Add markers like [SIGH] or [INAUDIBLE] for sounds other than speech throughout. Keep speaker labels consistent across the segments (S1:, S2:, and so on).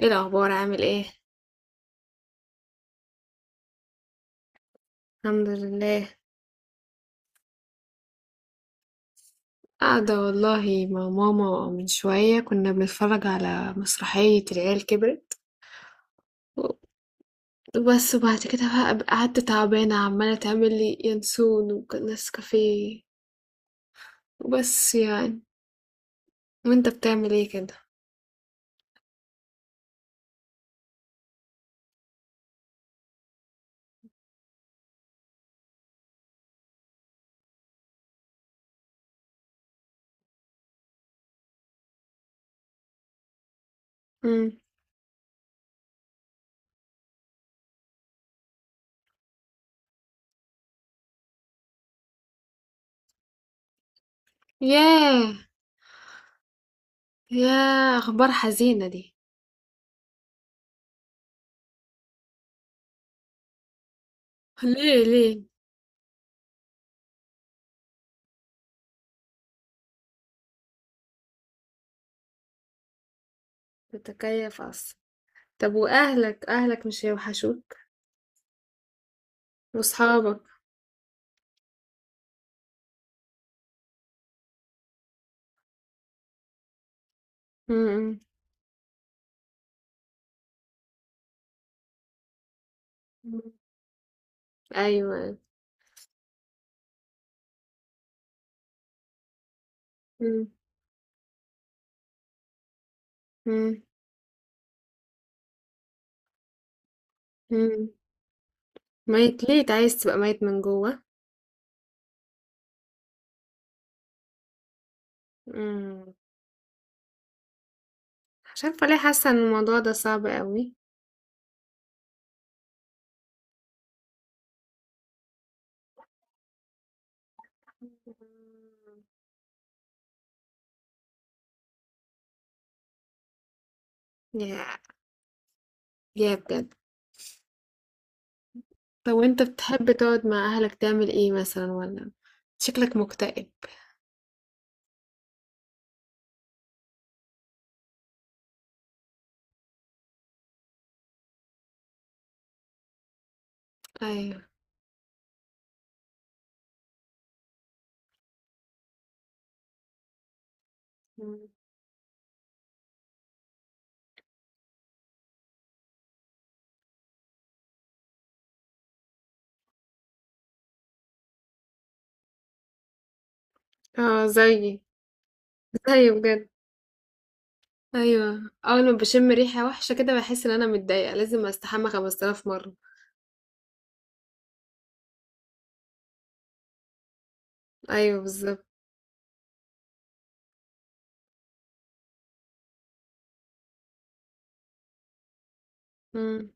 S1: ايه الاخبار، عامل ايه؟ الحمد لله. قاعده والله مع ماما، من شويه كنا بنتفرج على مسرحيه العيال كبرت. بس بعد كده بقى قعدت تعبانه، عماله تعمل لي ينسون ونسكافيه، وبس يعني. وانت بتعمل ايه كده؟ امم. ياه. ياه، اخبار حزينه دي. ليه ليه؟ بتكيف اصلا؟ طب واهلك، اهلك مش هيوحشوك؟ واصحابك؟ امم. ايوه. امم. إمم. ميّت ليه؟ أنت عايز تبقى ميّت من جوّه؟ إمم. مش عارفة ليه حاسة إن الموضوع ده صعب أوي. ياه! ياه بجد. طب وأنت بتحب تقعد مع أهلك تعمل إيه مثلًا والّا شكلك مكتئب؟ أيوه. إمم. آه زيي، زيي بجد. أيوه. أول ما باشم ريحة وحشة كده باحس إن أنا متضايقة، لازم أستحمى 5000 مرّة. أيوه بالضبط. إمم.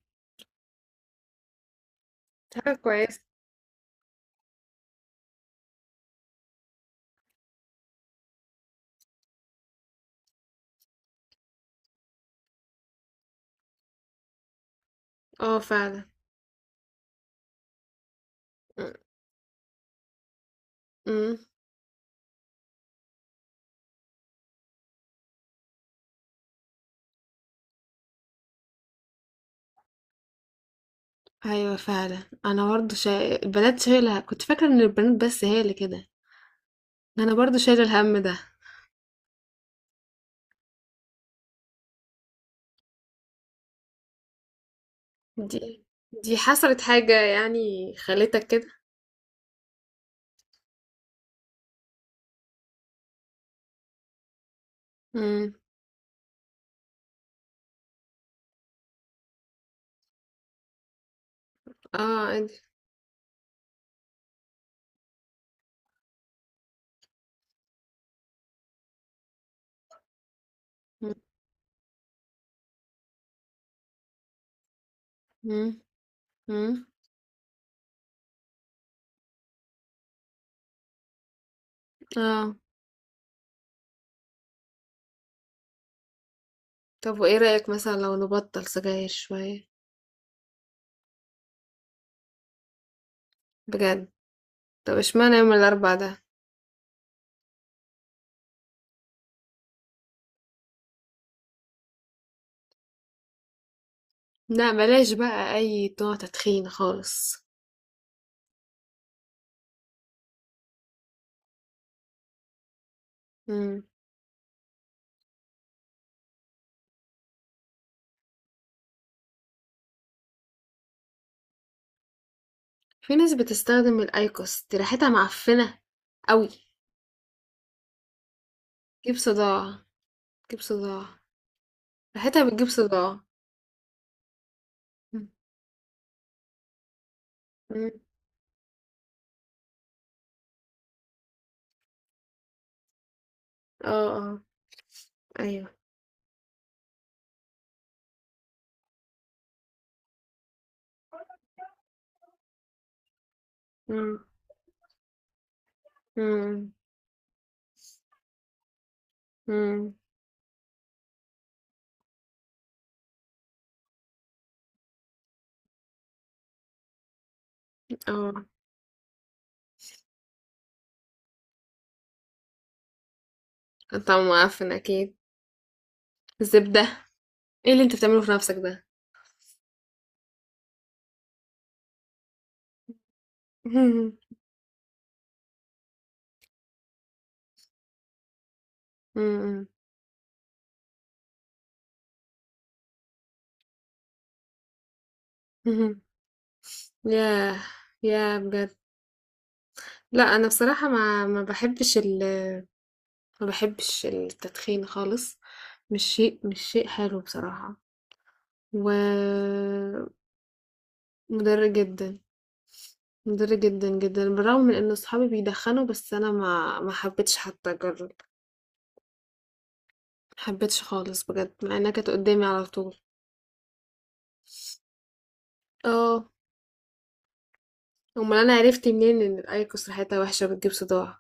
S1: حاجة كويسة. آه فعلًا. إمم. إمم. ايوه فعلا، انا برضو البنات شايله، كنت فاكره ان البنات بس هي اللي كده. انا برضو شايله الهم ده. دي دي حصلت حاجه يعني خلتك كده؟ امم. اه عادي. امم. امم. اه. طب وايه رايك مثلا لو نبطل سجاير شويه؟ بجد؟ طب اشمعنى يوم الاربعاء ده؟ لا، بلاش بقى اي نوع تدخين خالص. امم. في ناس بتستخدم الايكوس دي، ريحتها معفنه قوي. تجيب صداع، تجيب صداع. ريحتها بتجيب صداع. إمم، إمم، آه، آه، أيوه، إمم، إمم، إمم، آه، طعمه معفن أكيد، زبدة، إيه اللي أنت بتعمله في نَفْسك ده؟ [LAUGHS] إمم، إمم، اهم، ياه! ياه بجد! لأ، أنا بصراحة ما باحبش التدخين خالص، مش شيء حلو بصراحة، ومُضِر جدًا، مُضِر جدًا، جدًا، بالرغم من إن صحابي بيدخّنوا، بس أنا ما حبيتش حتى أجرّب. محبتش خالص بجد مع انها كانت قدامي على طول. اه. امال انا عرفت منين ان الايكوس ريحتها وحشه بتجيب صداع؟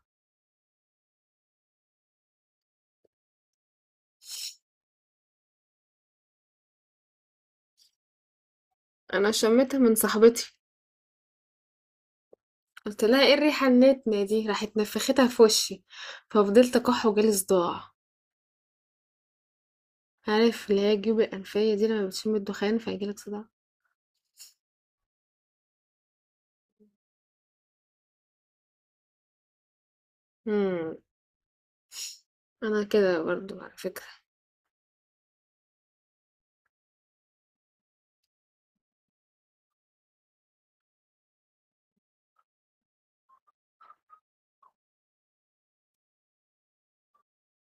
S1: انا شميتها من صاحبتي، قلت لها ايه الريحه النتنه دي، راحت نفختها في وشي، ففضلت اكح وجالي صداع. عارف اللي هي الجيوب الانفيه دي، لما بتشم الدخان فيجيلك صداع. امم. انا كده برضو على فكره.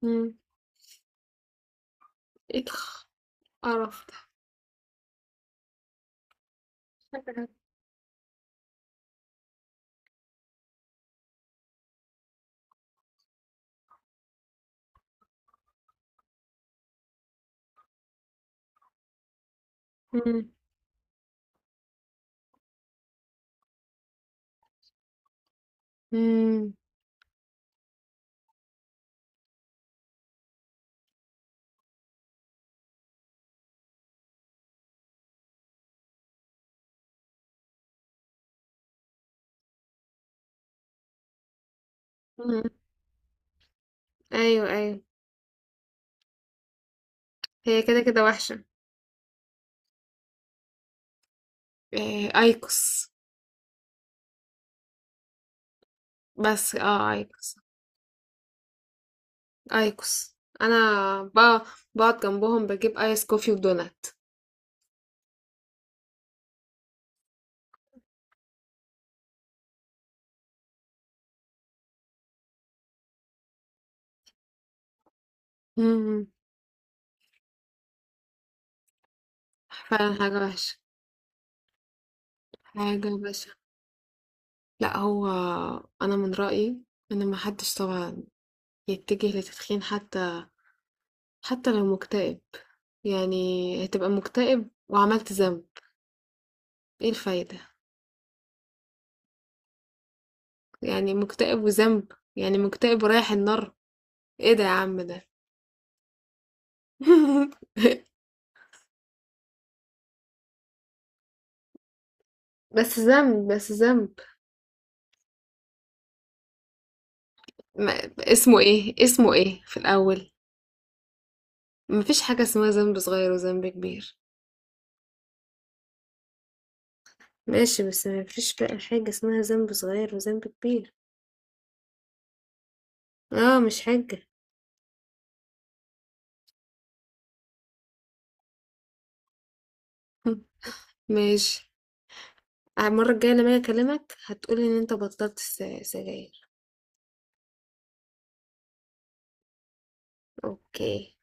S1: امم. ايه القرف ده؟ امم. امم. أمم. ايوه ايوه، هي كده كده وحشه. إيه، ايكوس؟ بس ايكوس. ايكوس. انا بقى بقعد جنبهم بجيب ايس كوفي ودونات. امم. فعلا حاجة وحشة. حاجة بشعة. لا، هو انا من رأيي ان ما حدش طبعا يتجه لتدخين، حتى لو مكتئب، يعني هتبقى مكتئب وعملت ذنب. ايه الفايدة؟ يعني مكتئب وذنب، يعني مكتئب ورايح النار. ايه ده يا عم ده؟ [LAUGHS] بس ذنب، بس ذنب. اسمه ايه، في الاول؟ مفيش حاجة اسمها ذنب صغير وذنب كبير. ماشي، بس مفيش بقى حاجة اسمها ذنب صغير وذنب كبير. اه مش حاجة. [LAUGHS] ماشي. المرة الجاية لما أجي أكلمك هتقولي إن أنت بطلت سجاير. أوكي.